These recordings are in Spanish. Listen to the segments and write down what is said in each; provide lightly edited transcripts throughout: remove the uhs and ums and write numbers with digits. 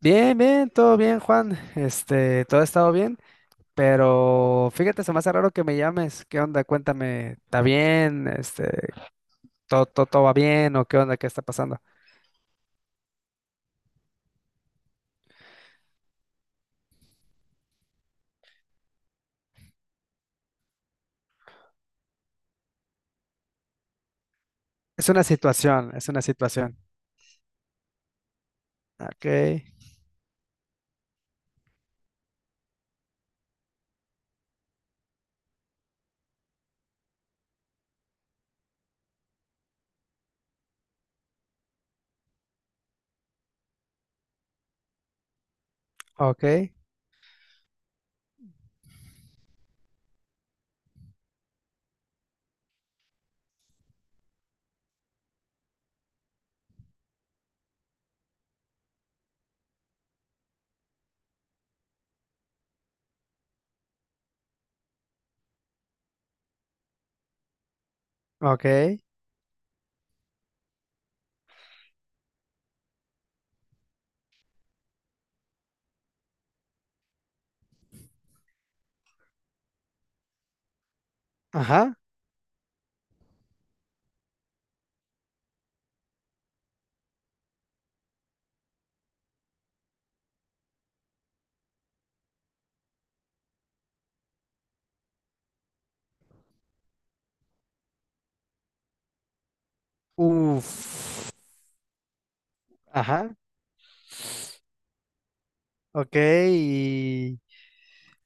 Bien, bien, todo bien, Juan. Todo ha estado bien, pero fíjate, se me hace raro que me llames. ¿Qué onda? Cuéntame, ¿está bien? ¿Todo va bien o qué onda? ¿Qué está pasando? Es una situación, es una situación. Ok, ok, ok. Ajá. Uf. Ajá. Ok, y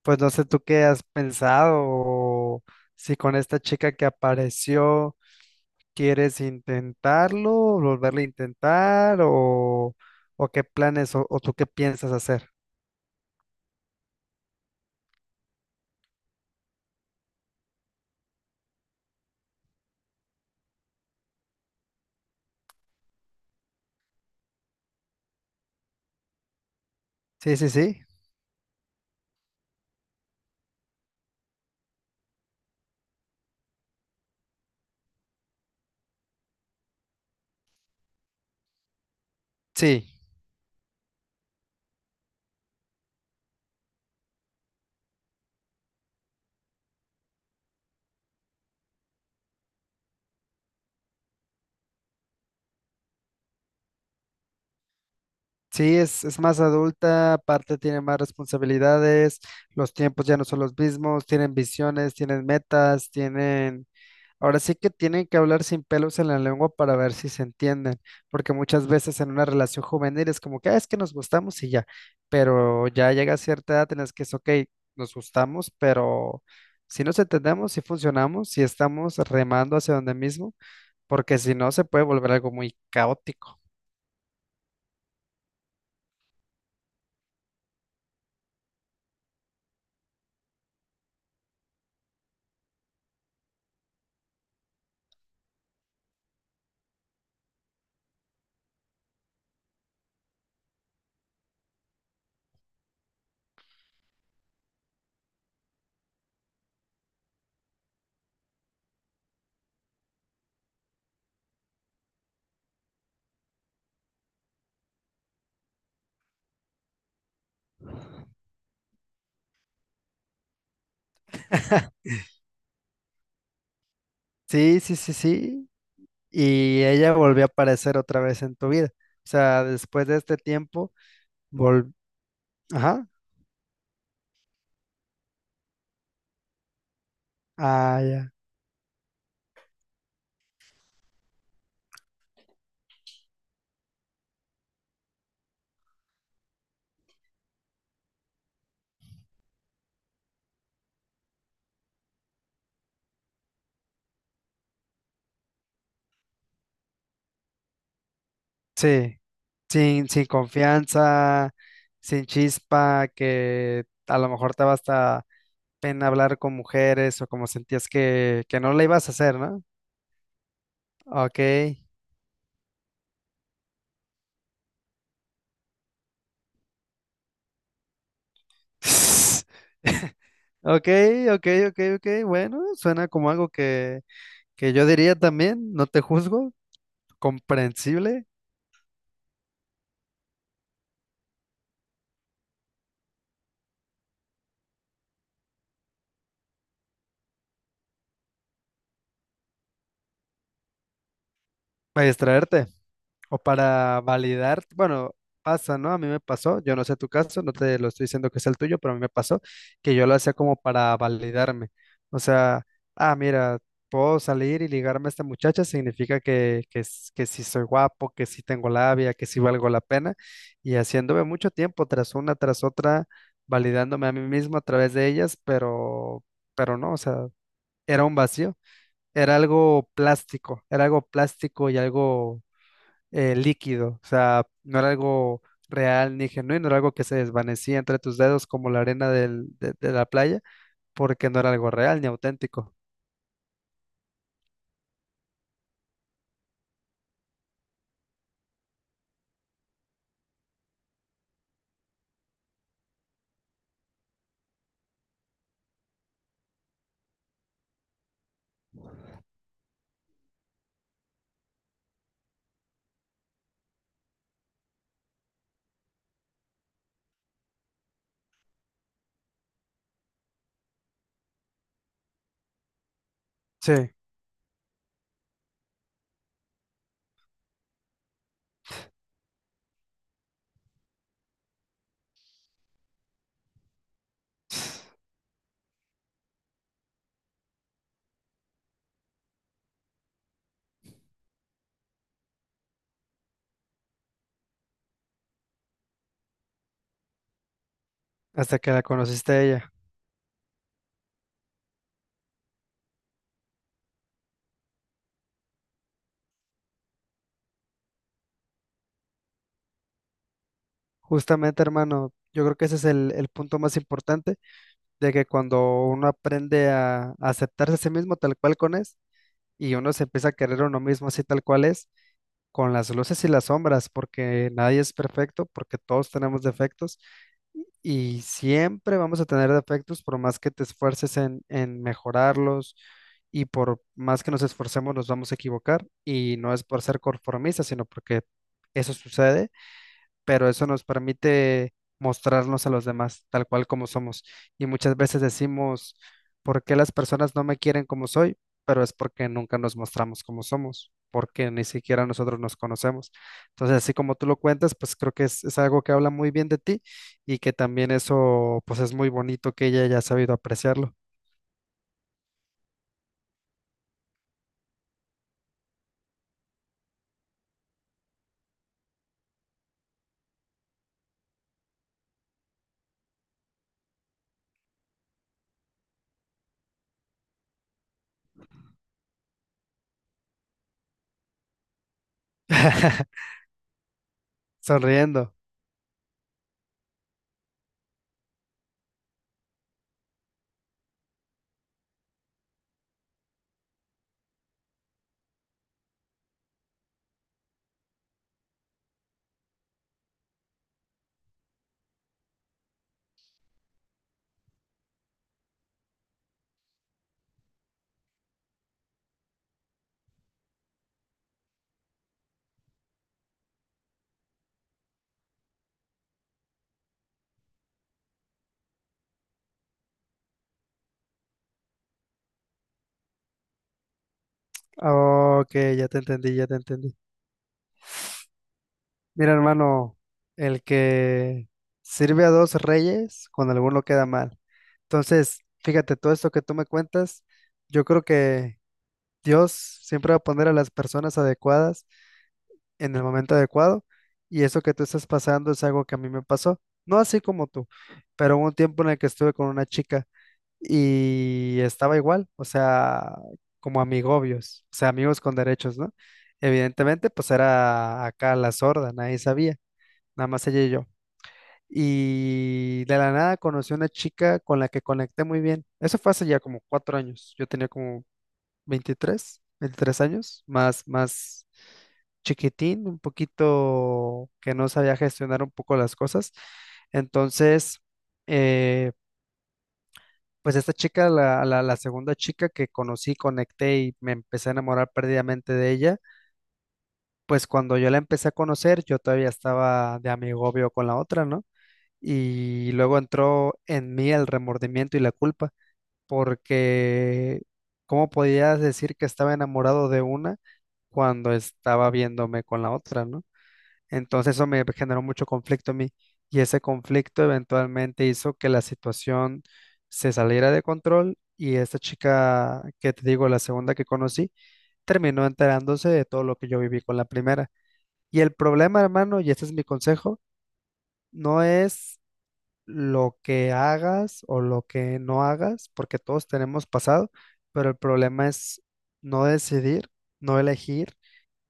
pues no sé tú qué has pensado o si con esta chica que apareció. ¿Quieres intentarlo, volverlo a intentar o qué planes o tú qué piensas hacer? Sí, sí, sí. Sí, sí, es más adulta, aparte tiene más responsabilidades, los tiempos ya no son los mismos, tienen visiones, tienen metas, tienen. Ahora sí que tienen que hablar sin pelos en la lengua para ver si se entienden, porque muchas veces en una relación juvenil es como que "Ah, es que nos gustamos y ya", pero ya llega a cierta edad en la que es ok, nos gustamos, pero si nos entendemos, si funcionamos, si estamos remando hacia donde mismo, porque si no se puede volver algo muy caótico. Sí, sí, sí, sí. Y ella volvió a aparecer otra vez en tu vida. O sea, después de este tiempo, vol... Ajá. Ah, ya. Sí, sin confianza, sin chispa, que a lo mejor te va hasta pena hablar con mujeres o como sentías que no la ibas a hacer, ¿no? Ok. Ok, ok, ok, ok. Bueno, suena como algo que yo diría también, no te juzgo, comprensible, para distraerte. O para validar, bueno, pasa, ¿no? A mí me pasó, yo no sé tu caso, no te lo estoy diciendo que es el tuyo, pero a mí me pasó que yo lo hacía como para validarme. O sea, ah, mira, puedo salir y ligarme a esta muchacha, significa que sí soy guapo, que sí tengo labia, que sí valgo la pena. Y haciéndome mucho tiempo tras una, tras otra, validándome a mí mismo a través de ellas, pero no, o sea, era un vacío, era algo plástico y algo líquido, o sea, no era algo real ni genuino, era algo que se desvanecía entre tus dedos como la arena de la playa, porque no era algo real ni auténtico. Sí, hasta que la conociste a ella. Justamente, hermano, yo creo que ese es el punto más importante, de que cuando uno aprende a aceptarse a sí mismo tal cual con es, y uno se empieza a querer a uno mismo así tal cual es, con las luces y las sombras, porque nadie es perfecto, porque todos tenemos defectos y siempre vamos a tener defectos por más que te esfuerces en mejorarlos y por más que nos esforcemos nos vamos a equivocar y no es por ser conformistas, sino porque eso sucede, pero eso nos permite mostrarnos a los demás tal cual como somos. Y muchas veces decimos, ¿por qué las personas no me quieren como soy? Pero es porque nunca nos mostramos como somos, porque ni siquiera nosotros nos conocemos. Entonces, así como tú lo cuentas, pues creo que es algo que habla muy bien de ti, y que también eso, pues es muy bonito que ella haya sabido apreciarlo. Sonriendo. Ok, ya te entendí, ya te entendí. Mira, hermano, el que sirve a dos reyes, con alguno queda mal. Entonces, fíjate, todo esto que tú me cuentas, yo creo que Dios siempre va a poner a las personas adecuadas en el momento adecuado, y eso que tú estás pasando es algo que a mí me pasó. No así como tú, pero hubo un tiempo en el que estuve con una chica y estaba igual, o sea, como amigobios, o sea, amigos con derechos, ¿no? Evidentemente, pues era acá la sorda, nadie sabía, nada más ella y yo. Y de la nada conocí a una chica con la que conecté muy bien. Eso fue hace ya como 4 años. Yo tenía como veintitrés años, más chiquitín, un poquito que no sabía gestionar un poco las cosas. Entonces, eh, pues esta chica, la segunda chica que conocí, conecté y me empecé a enamorar perdidamente de ella. Pues cuando yo la empecé a conocer, yo todavía estaba de amigovio con la otra, ¿no? Y luego entró en mí el remordimiento y la culpa, porque ¿cómo podías decir que estaba enamorado de una cuando estaba viéndome con la otra, ¿no? Entonces eso me generó mucho conflicto a mí, y ese conflicto eventualmente hizo que la situación se saliera de control, y esta chica que te digo, la segunda que conocí, terminó enterándose de todo lo que yo viví con la primera. Y el problema, hermano, y este es mi consejo, no es lo que hagas o lo que no hagas, porque todos tenemos pasado, pero el problema es no decidir, no elegir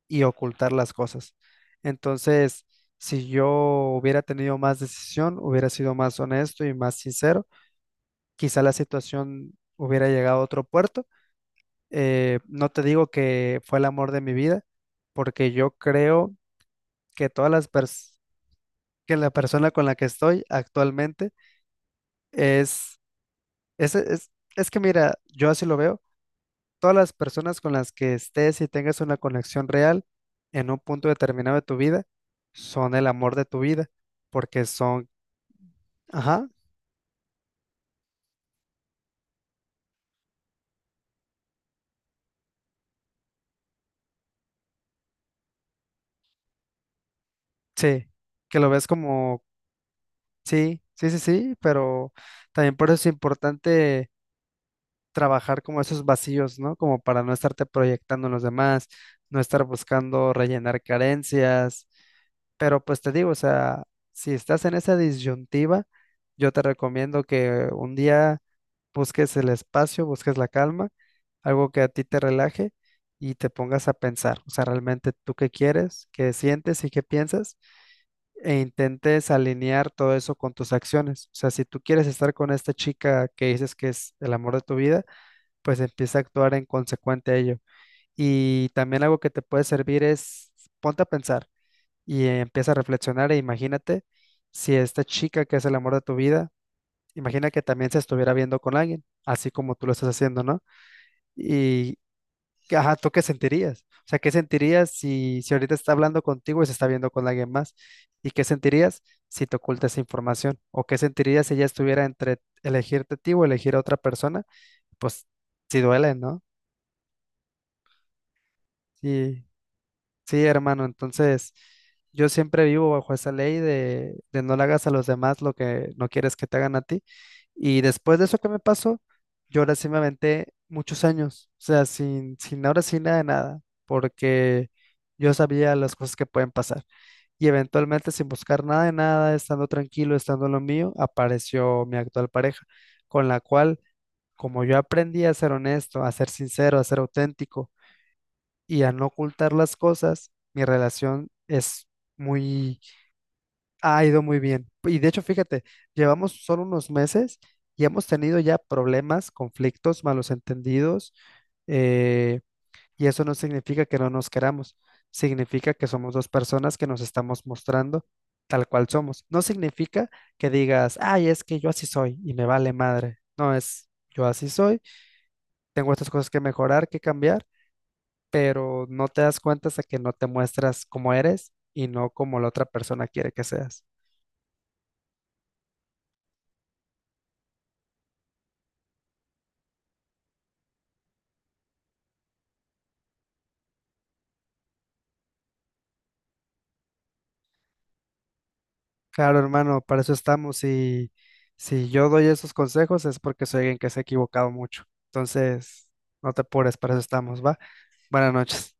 y ocultar las cosas. Entonces, si yo hubiera tenido más decisión, hubiera sido más honesto y más sincero, quizá la situación hubiera llegado a otro puerto. No te digo que fue el amor de mi vida, porque yo creo que todas que la persona con la que estoy actualmente es es que mira, yo así lo veo. Todas las personas con las que estés y tengas una conexión real en un punto determinado de tu vida son el amor de tu vida, porque son, ajá, sí, que lo ves como, sí, sí, sí, sí, pero también por eso es importante trabajar como esos vacíos, ¿no? Como para no estarte proyectando en los demás, no estar buscando rellenar carencias. Pero pues te digo, o sea, si estás en esa disyuntiva, yo te recomiendo que un día busques el espacio, busques la calma, algo que a ti te relaje y te pongas a pensar, o sea, realmente tú qué quieres, qué sientes y qué piensas, e intentes alinear todo eso con tus acciones. O sea, si tú quieres estar con esta chica que dices que es el amor de tu vida, pues empieza a actuar en consecuente a ello. Y también algo que te puede servir es, ponte a pensar y empieza a reflexionar e imagínate si esta chica que es el amor de tu vida, imagina que también se estuviera viendo con alguien, así como tú lo estás haciendo, ¿no? Y, ajá, ¿tú qué sentirías? O sea, ¿qué sentirías si ahorita está hablando contigo y se está viendo con alguien más? ¿Y qué sentirías si te oculta esa información? ¿O qué sentirías si ella estuviera entre elegirte a ti o elegir a otra persona? Pues sí duele, ¿no? Sí. Sí, hermano, entonces yo siempre vivo bajo esa ley de, no le hagas a los demás lo que no quieres que te hagan a ti. Y después de eso que me pasó, yo ahora sí me aventé muchos años, o sea, sin ahora sí nada de nada, porque yo sabía las cosas que pueden pasar. Y eventualmente, sin buscar nada de nada, estando tranquilo, estando en lo mío, apareció mi actual pareja, con la cual, como yo aprendí a ser honesto, a ser sincero, a ser auténtico, y al no ocultar las cosas, mi relación es muy, ha ido muy bien. Y de hecho, fíjate, llevamos solo unos meses y hemos tenido ya problemas, conflictos, malos entendidos, eh, y eso no significa que no nos queramos, significa que somos dos personas que nos estamos mostrando tal cual somos. No significa que digas, ay, es que yo así soy y me vale madre. No, es, yo así soy, tengo estas cosas que mejorar, que cambiar, pero no te das cuenta hasta que no te muestras como eres y no como la otra persona quiere que seas. Claro, hermano, para eso estamos, y si yo doy esos consejos es porque soy alguien que se ha equivocado mucho. Entonces, no te apures, para eso estamos, ¿va? Buenas noches.